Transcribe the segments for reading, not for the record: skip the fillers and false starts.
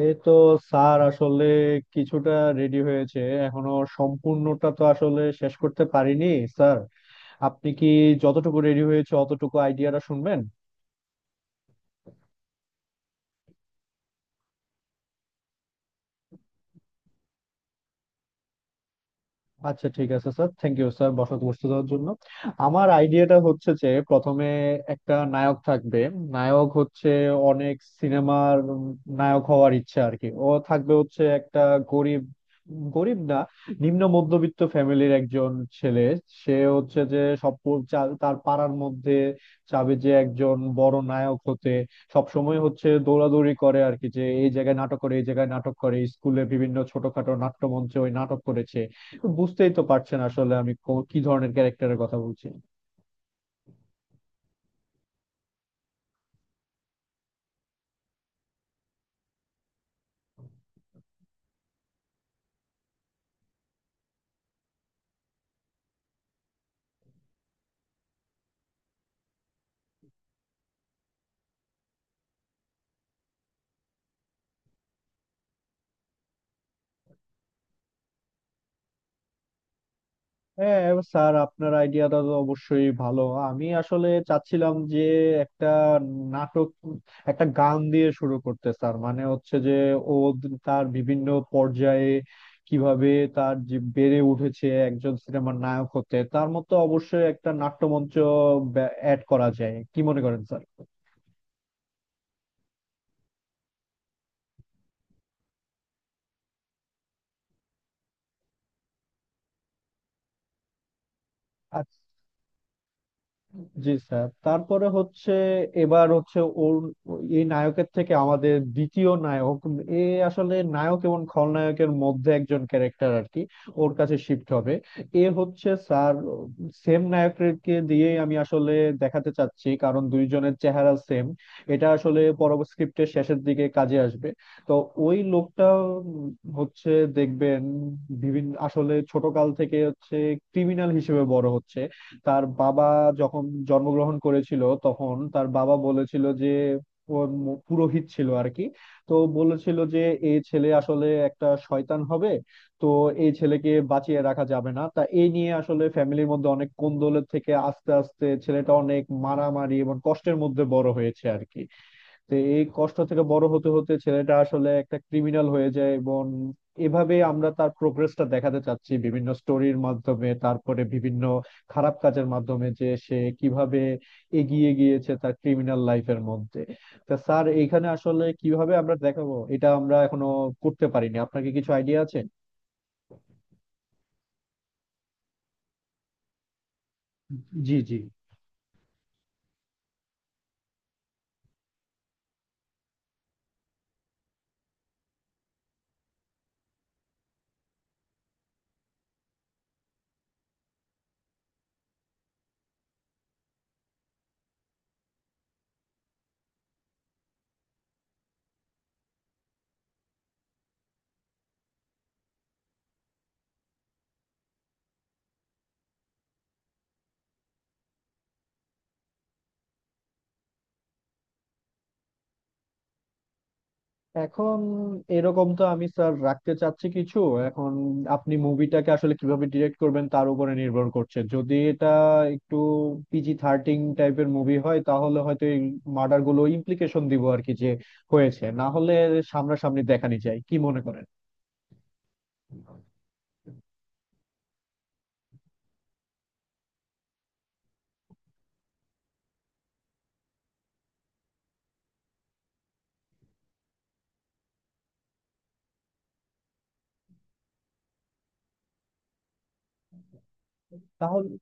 এই তো স্যার, আসলে কিছুটা রেডি হয়েছে, এখনো সম্পূর্ণটা তো আসলে শেষ করতে পারিনি স্যার। আপনি কি যতটুকু রেডি হয়েছে অতটুকু আইডিয়াটা শুনবেন? আচ্ছা, ঠিক আছে স্যার, থ্যাংক ইউ স্যার বসাতে বসতে দেওয়ার জন্য। আমার আইডিয়াটা হচ্ছে যে প্রথমে একটা নায়ক থাকবে। নায়ক হচ্ছে অনেক সিনেমার নায়ক হওয়ার ইচ্ছা আর কি। ও থাকবে হচ্ছে একটা গরিব, গরিব না, নিম্ন মধ্যবিত্ত ফ্যামিলির একজন ছেলে। সে হচ্ছে যে সব তার পাড়ার মধ্যে চাবে যে একজন বড় নায়ক হতে। সবসময় হচ্ছে দৌড়াদৌড়ি করে আর কি, যে এই জায়গায় নাটক করে এই জায়গায় নাটক করে, স্কুলে বিভিন্ন ছোটখাটো নাট্যমঞ্চে ওই নাটক করেছে। তো বুঝতেই তো পারছেন আসলে আমি কি ধরনের ক্যারেক্টারের কথা বলছি। হ্যাঁ, এবার স্যার আপনার আইডিয়াটা তো অবশ্যই ভালো। আমি আসলে চাচ্ছিলাম যে একটা নাটক, একটা গান দিয়ে শুরু করতে স্যার, মানে হচ্ছে যে ও তার বিভিন্ন পর্যায়ে কিভাবে, তার যে বেড়ে উঠেছে একজন সিনেমার নায়ক হতে, তার মতো অবশ্যই একটা নাট্যমঞ্চ অ্যাড করা যায় কি মনে করেন স্যার? জি স্যার, তারপরে হচ্ছে, এবার হচ্ছে ওর এই নায়কের থেকে আমাদের দ্বিতীয় নায়ক, এ আসলে নায়ক এবং খলনায়কের মধ্যে একজন ক্যারেক্টার আর কি, ওর কাছে শিফট হবে। এ হচ্ছে স্যার সেম নায়ককে দিয়ে আমি আসলে দেখাতে চাচ্ছি, কারণ দুইজনের চেহারা সেম। এটা আসলে পরবর্তী স্ক্রিপ্টের শেষের দিকে কাজে আসবে। তো ওই লোকটা উম হচ্ছে, দেখবেন বিভিন্ন আসলে ছোটকাল থেকে হচ্ছে ক্রিমিনাল হিসেবে বড় হচ্ছে। তার বাবা, যখন জন্মগ্রহণ করেছিল তখন তার বাবা বলেছিল যে, ও পুরোহিত ছিল আর কি, তো বলেছিল যে এই ছেলে আসলে একটা শয়তান হবে, তো এই ছেলেকে বাঁচিয়ে রাখা যাবে না। তা এই নিয়ে আসলে ফ্যামিলির মধ্যে অনেক কোন্দলের থেকে আস্তে আস্তে ছেলেটা অনেক মারামারি এবং কষ্টের মধ্যে বড় হয়েছে আর কি। তো এই কষ্ট থেকে বড় হতে হতে ছেলেটা আসলে একটা ক্রিমিনাল হয়ে যায়, এবং এভাবে আমরা তার প্রোগ্রেসটা দেখাতে চাচ্ছি বিভিন্ন স্টোরির মাধ্যমে, তারপরে বিভিন্ন খারাপ কাজের মাধ্যমে, যে সে কিভাবে এগিয়ে গিয়েছে তার ক্রিমিনাল লাইফের মধ্যে। তা স্যার, এখানে আসলে কিভাবে আমরা দেখাবো এটা আমরা এখনো করতে পারিনি, আপনার কি কিছু আইডিয়া আছে? জি জি। এখন এরকম তো আমি স্যার রাখতে চাচ্ছি কিছু। এখন আপনি মুভিটাকে আসলে কিভাবে ডিরেক্ট করবেন তার উপরে নির্ভর করছে। যদি এটা একটু পিজি-13 টাইপের মুভি হয় তাহলে হয়তো এই মার্ডার গুলো ইমপ্লিকেশন দিব আর কি, যে হয়েছে, না হলে সামনাসামনি দেখানি যায় কি মনে করেন? তাহলে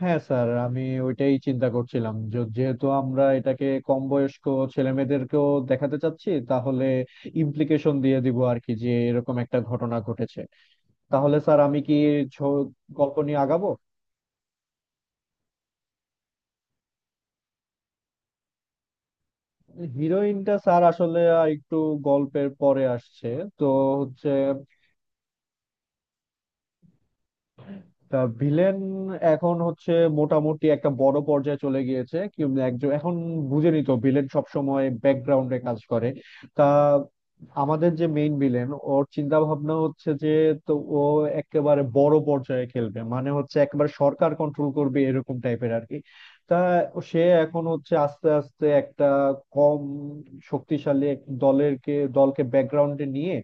হ্যাঁ স্যার, আমি ওইটাই চিন্তা করছিলাম যেহেতু আমরা এটাকে কম বয়স্ক ছেলেমেয়েদেরকেও দেখাতে চাচ্ছি, তাহলে ইমপ্লিকেশন দিয়ে দিব আর কি, যে এরকম একটা ঘটনা ঘটেছে। তাহলে স্যার আমি কি ছ- গল্প নিয়ে আগাবো? হিরোইনটা স্যার আসলে একটু গল্পের পরে আসছে। তো হচ্ছে, তা ভিলেন এখন হচ্ছে মোটামুটি একটা বড় পর্যায়ে চলে গিয়েছে। কি একজন এখন বুঝেনি তো, ভিলেন সবসময় ব্যাকগ্রাউন্ডে কাজ করে। তা আমাদের যে মেইন ভিলেন, ওর চিন্তা ভাবনা হচ্ছে যে, তো ও একেবারে বড় পর্যায়ে খেলবে, মানে হচ্ছে একেবারে সরকার কন্ট্রোল করবে এরকম টাইপের আর কি। তা সে এখন হচ্ছে আস্তে আস্তে একটা কম শক্তিশালী এক দলকে ব্যাকগ্রাউন্ডে নিয়ে,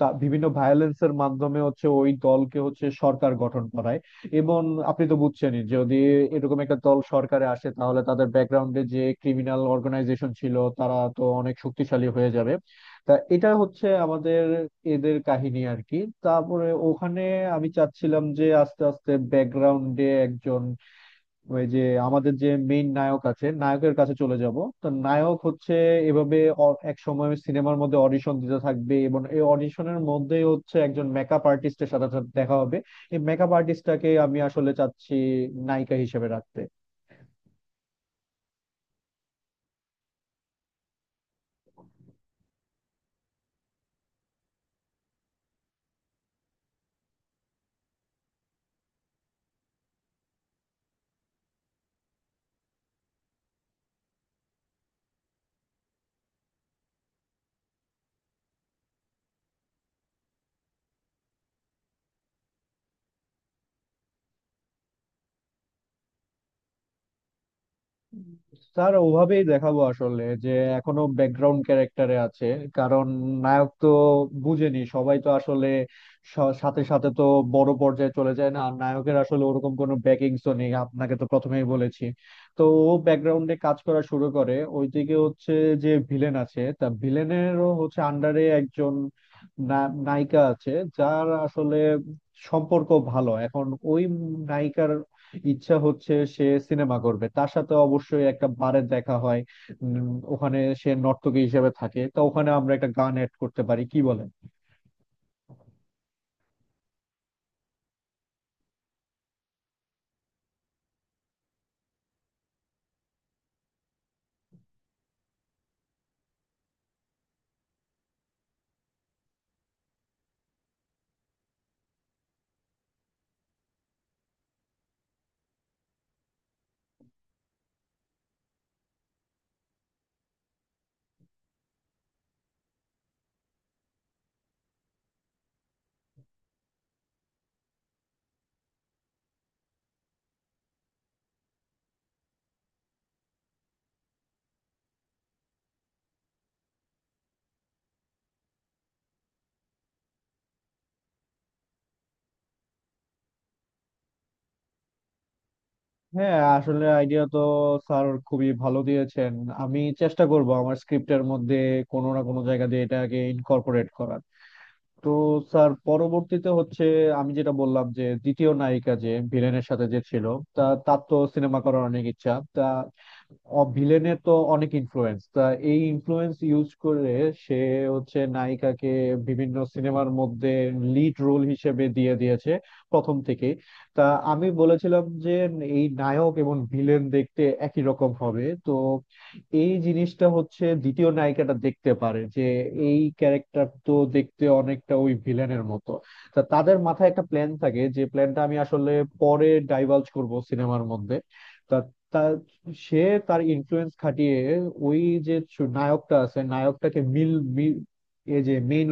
তা বিভিন্ন ভায়োলেন্সের মাধ্যমে হচ্ছে ওই দলকে হচ্ছে সরকার গঠন করায়। এবং আপনি তো বুঝছেনই, যদি এরকম একটা দল সরকারে আসে তাহলে তাদের ব্যাকগ্রাউন্ডে যে ক্রিমিনাল অর্গানাইজেশন ছিল তারা তো অনেক শক্তিশালী হয়ে যাবে। তা এটা হচ্ছে আমাদের এদের কাহিনী আর কি। তারপরে ওখানে আমি চাচ্ছিলাম যে আস্তে আস্তে ব্যাকগ্রাউন্ডে একজন, ওই যে আমাদের যে মেইন নায়ক আছে নায়কের কাছে চলে যাব। তো নায়ক হচ্ছে এভাবে এক সময় সিনেমার মধ্যে অডিশন দিতে থাকবে এবং এই অডিশনের মধ্যেই হচ্ছে একজন মেকআপ আর্টিস্টের সাথে সাথে দেখা হবে। এই মেকআপ আর্টিস্টটাকে আমি আসলে চাচ্ছি নায়িকা হিসেবে রাখতে। স্যার, ওভাবেই দেখাবো আসলে, যে এখনো ব্যাকগ্রাউন্ড ক্যারেক্টারে আছে। কারণ নায়ক তো বুঝেনি, সবাই তো আসলে সাথে সাথে তো বড় পর্যায়ে চলে যায় না, আর নায়কের আসলে ওরকম কোনো ব্যাকিংস তো নেই, আপনাকে তো প্রথমেই বলেছি। তো ও ব্যাকগ্রাউন্ডে কাজ করা শুরু করে। ওইদিকে হচ্ছে যে ভিলেন আছে, তা ভিলেনেরও হচ্ছে আন্ডারে একজন নায়িকা আছে, যার আসলে সম্পর্ক ভালো। এখন ওই নায়িকার ইচ্ছা হচ্ছে সে সিনেমা করবে, তার সাথে অবশ্যই একটা বারে দেখা হয়। ওখানে সে নর্তকী হিসেবে থাকে, তো ওখানে আমরা একটা গান অ্যাড করতে পারি কি বলেন? হ্যাঁ, আসলে আইডিয়া তো স্যার খুবই ভালো দিয়েছেন। আমি চেষ্টা করব আমার স্ক্রিপ্টের মধ্যে কোনো না কোনো জায়গা দিয়ে এটাকে ইনকর্পোরেট করার। তো স্যার, পরবর্তীতে হচ্ছে আমি যেটা বললাম যে দ্বিতীয় নায়িকা যে ভিলেনের সাথে যে ছিল, তা তার তো সিনেমা করার অনেক ইচ্ছা, তা ভিলেনের তো অনেক ইনফ্লুয়েন্স, তা এই ইনফ্লুয়েন্স ইউজ করে সে হচ্ছে নায়িকাকে বিভিন্ন সিনেমার মধ্যে লিড রোল হিসেবে দিয়ে দিয়েছে প্রথম থেকে। তা আমি বলেছিলাম যে এই নায়ক এবং ভিলেন দেখতে একই রকম হবে, তো এই জিনিসটা হচ্ছে দ্বিতীয় নায়িকাটা দেখতে পারে যে এই ক্যারেক্টার তো দেখতে অনেকটা ওই ভিলেনের মতো। তা তাদের মাথায় একটা প্ল্যান থাকে, যে প্ল্যানটা আমি আসলে পরে ডাইভালজ করব সিনেমার মধ্যে। তা তা সে তার ইনফ্লুয়েন্স খাটিয়ে ওই যে নায়কটা আছে নায়কটাকে মিল মিল এ যে মেইন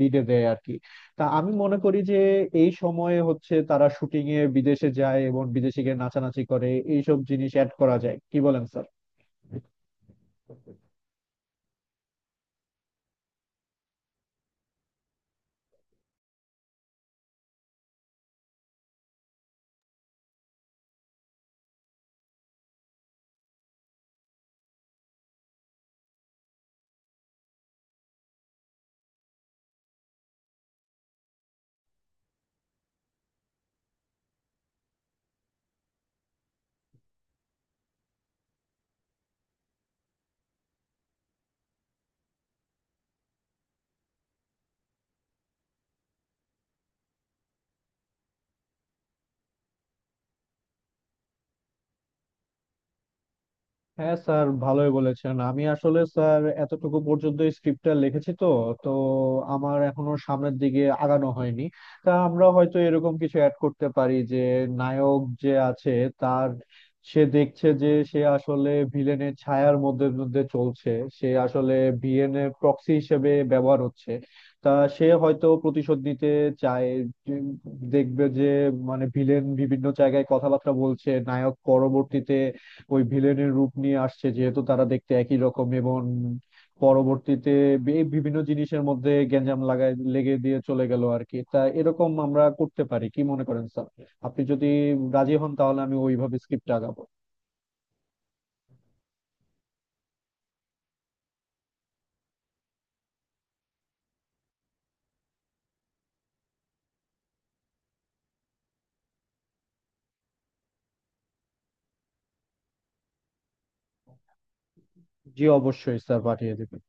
লিডে দেয় আর কি। তা আমি মনে করি যে এই সময়ে হচ্ছে তারা শুটিং এ বিদেশে যায় এবং বিদেশে গিয়ে নাচানাচি করে, এইসব জিনিস অ্যাড করা যায় কি বলেন স্যার? হ্যাঁ স্যার, ভালোই বলেছেন। আমি আসলে স্যার এতটুকু পর্যন্ত স্ক্রিপ্টটা লিখেছি, তো তো আমার এখনো সামনের দিকে আগানো হয়নি। তা আমরা হয়তো এরকম কিছু অ্যাড করতে পারি যে নায়ক যে আছে তার, সে দেখছে যে সে আসলে ভিলেনের ছায়ার মধ্যে মধ্যে চলছে, সে আসলে ভিলেনের প্রক্সি হিসেবে ব্যবহার হচ্ছে। তা সে হয়তো প্রতিশোধ নিতে চায়, যে দেখবে যে, মানে ভিলেন বিভিন্ন জায়গায় কথাবার্তা বলছে, নায়ক পরবর্তীতে ওই ভিলেনের রূপ নিয়ে আসছে যেহেতু তারা দেখতে একই রকম, এবং পরবর্তীতে বিভিন্ন জিনিসের মধ্যে গ্যাঞ্জাম লাগায় লেগে দিয়ে চলে গেল আর কি। তা এরকম আমরা করতে পারি কি মনে করেন স্যার? আপনি যদি রাজি হন তাহলে আমি ওইভাবে স্ক্রিপ্ট আগাবো। জি অবশ্যই স্যার, পাঠিয়ে দিবেন।